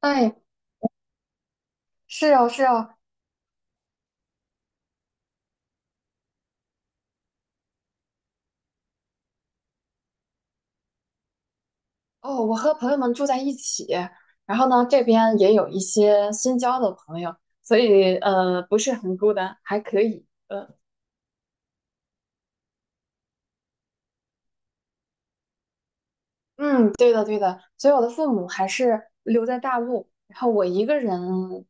哎，是哦，是哦。哦，我和朋友们住在一起，然后呢，这边也有一些新交的朋友，所以不是很孤单，还可以。嗯，对的，对的，所以我的父母还是留在大陆，然后我一个人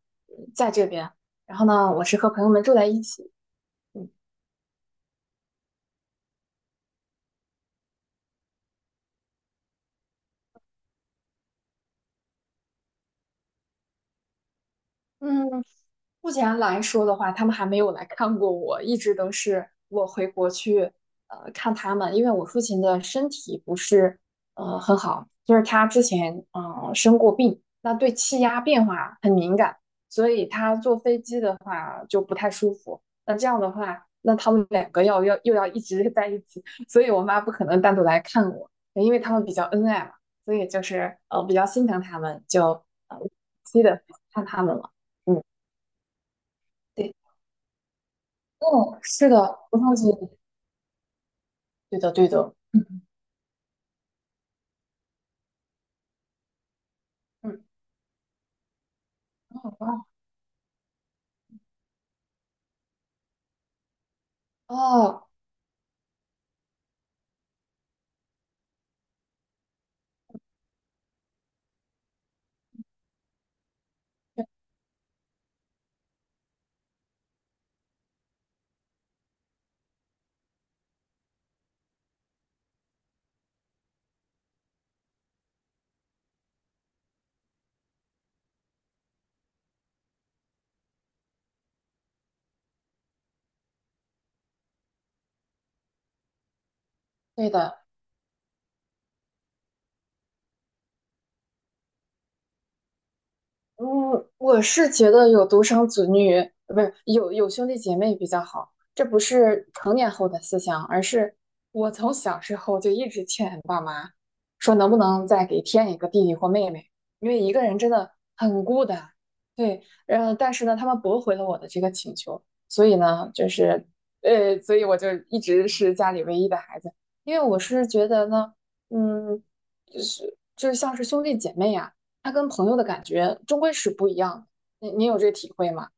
在这边，然后呢，我是和朋友们住在一起。嗯。嗯，目前来说的话，他们还没有来看过我，一直都是我回国去看他们，因为我父亲的身体不是很好，就是他之前生过病，那对气压变化很敏感，所以他坐飞机的话就不太舒服。那这样的话，那他们两个要又要一直在一起，所以我妈不可能单独来看我，因为他们比较恩爱嘛，所以就是比较心疼他们，就定期的看他们了。嗯，对。哦，是的，不萄酒。对的，对的。嗯。嗯，很棒。哦，对的。嗯，我是觉得有独生子女，不是有兄弟姐妹比较好。这不是成年后的思想，而是我从小时候就一直劝爸妈，说能不能再给添一个弟弟或妹妹，因为一个人真的很孤单。对，然后但是呢，他们驳回了我的这个请求，所以呢，就是所以我就一直是家里唯一的孩子，因为我是觉得呢，嗯，就是像是兄弟姐妹啊他跟朋友的感觉终归是不一样的。你有这体会吗？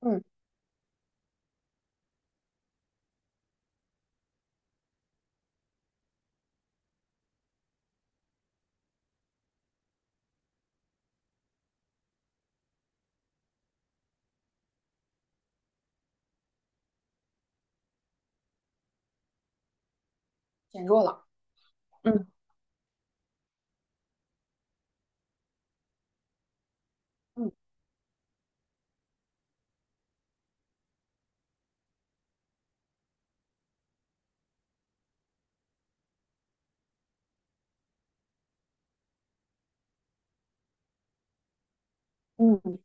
嗯，减弱了。嗯嗯嗯，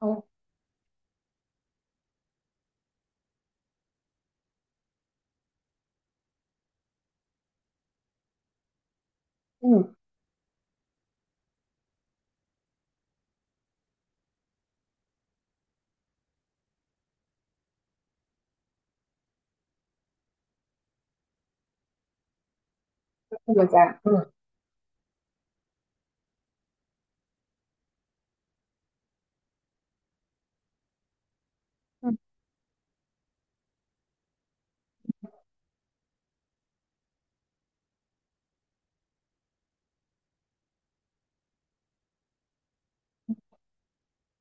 哦，嗯，这个家，嗯。嗯，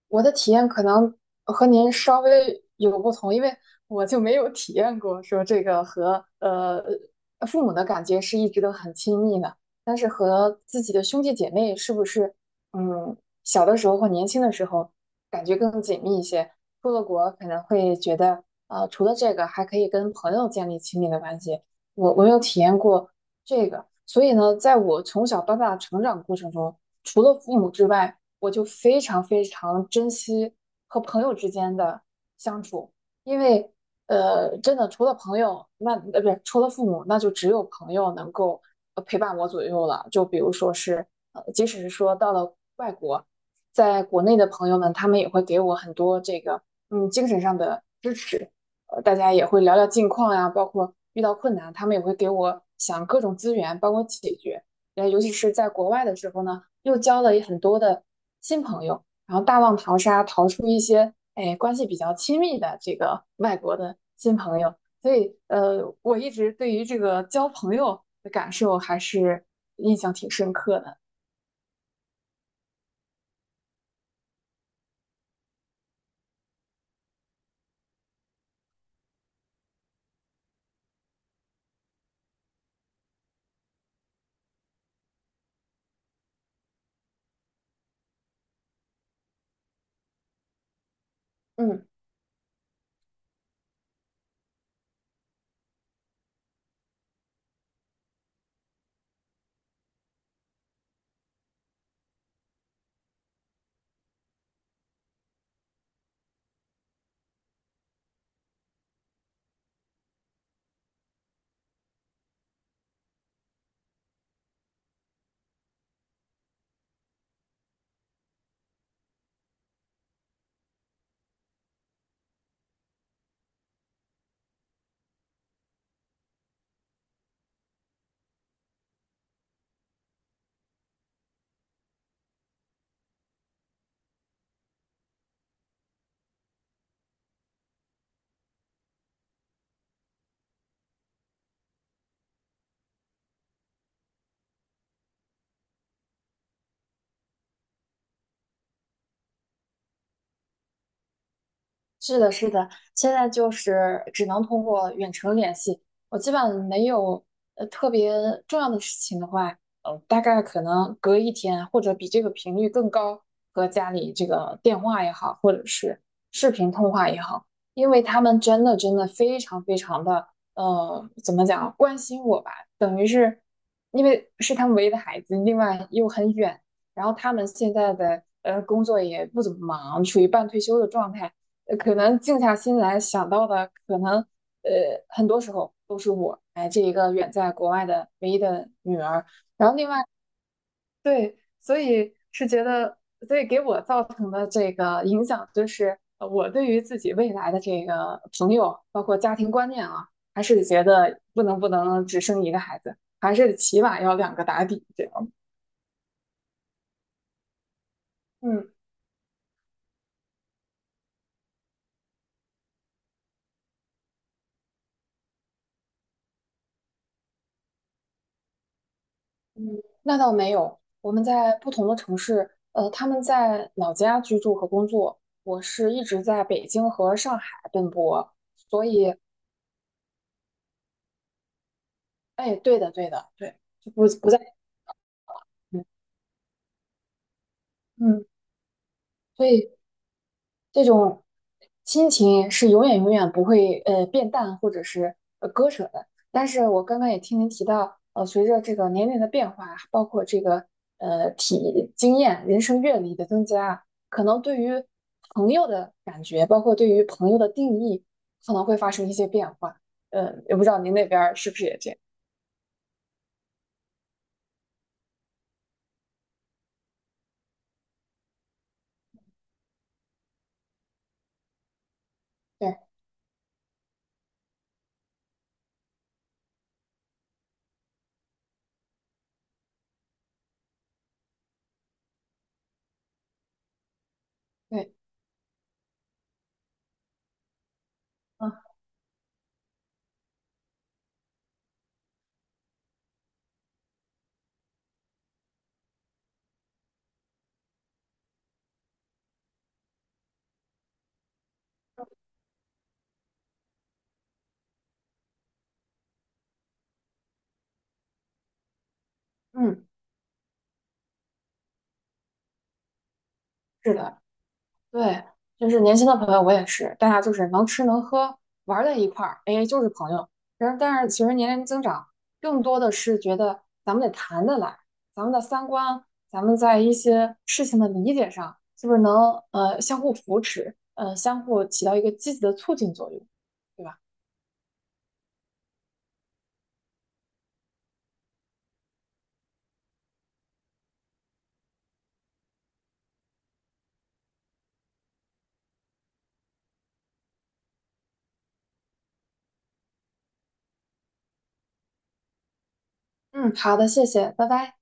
我的体验可能和您稍微有不同，因为我就没有体验过说这个和父母的感觉是一直都很亲密的，但是和自己的兄弟姐妹是不是嗯小的时候或年轻的时候感觉更紧密一些？出了国可能会觉得除了这个还可以跟朋友建立亲密的关系，我没有体验过这个，所以呢，在我从小到大的成长过程中，除了父母之外，我就非常非常珍惜和朋友之间的相处，因为真的除了朋友，那不是除了父母，那就只有朋友能够陪伴我左右了。就比如说是即使是说到了外国，在国内的朋友们，他们也会给我很多这个精神上的支持，大家也会聊聊近况呀，包括遇到困难，他们也会给我想各种资源，帮我解决。尤其是在国外的时候呢。又交了很多的新朋友，然后大浪淘沙，淘出一些哎关系比较亲密的这个 外国的新朋友。所以我一直对于这个交朋友的感受还是印象挺深刻的。嗯。是的，是的，现在就是只能通过远程联系。我基本上没有特别重要的事情的话，大概可能隔一天或者比这个频率更高，和家里这个电话也好，或者是视频通话也好，因为他们真的真的非常非常的怎么讲，关心我吧，等于是因为是他们唯一的孩子，另外又很远，然后他们现在的工作也不怎么忙，处于半退休的状态。可能静下心来想到的，可能很多时候都是我，哎，这一个远在国外的唯一的女儿。然后另外，对，所以是觉得，所以给我造成的这个影响，就是我对于自己未来的这个朋友，包括家庭观念啊，还是觉得不能只生一个孩子，还是起码要两个打底这样。嗯，那倒没有，我们在不同的城市，他们在老家居住和工作，我是一直在北京和上海奔波，所以，哎，对的，对的，对，就不在，嗯。嗯，所以。这种亲情是永远永远不会变淡或者是割舍的。但是我刚刚也听您提到，随着这个年龄的变化，包括这个体经验、人生阅历的增加，可能对于朋友的感觉，包括对于朋友的定义，可能会发生一些变化。也不知道您那边儿是不是也这样？对对，嗯嗯，是的。对，就是年轻的朋友，我也是，大家就是能吃能喝，玩儿在一块儿，哎，就是朋友。然后，但是随着年龄增长，更多的是觉得咱们得谈得来，咱们的三观，咱们在一些事情的理解上，是不是能相互扶持，相互起到一个积极的促进作用，对吧？嗯，好的，谢谢，拜拜。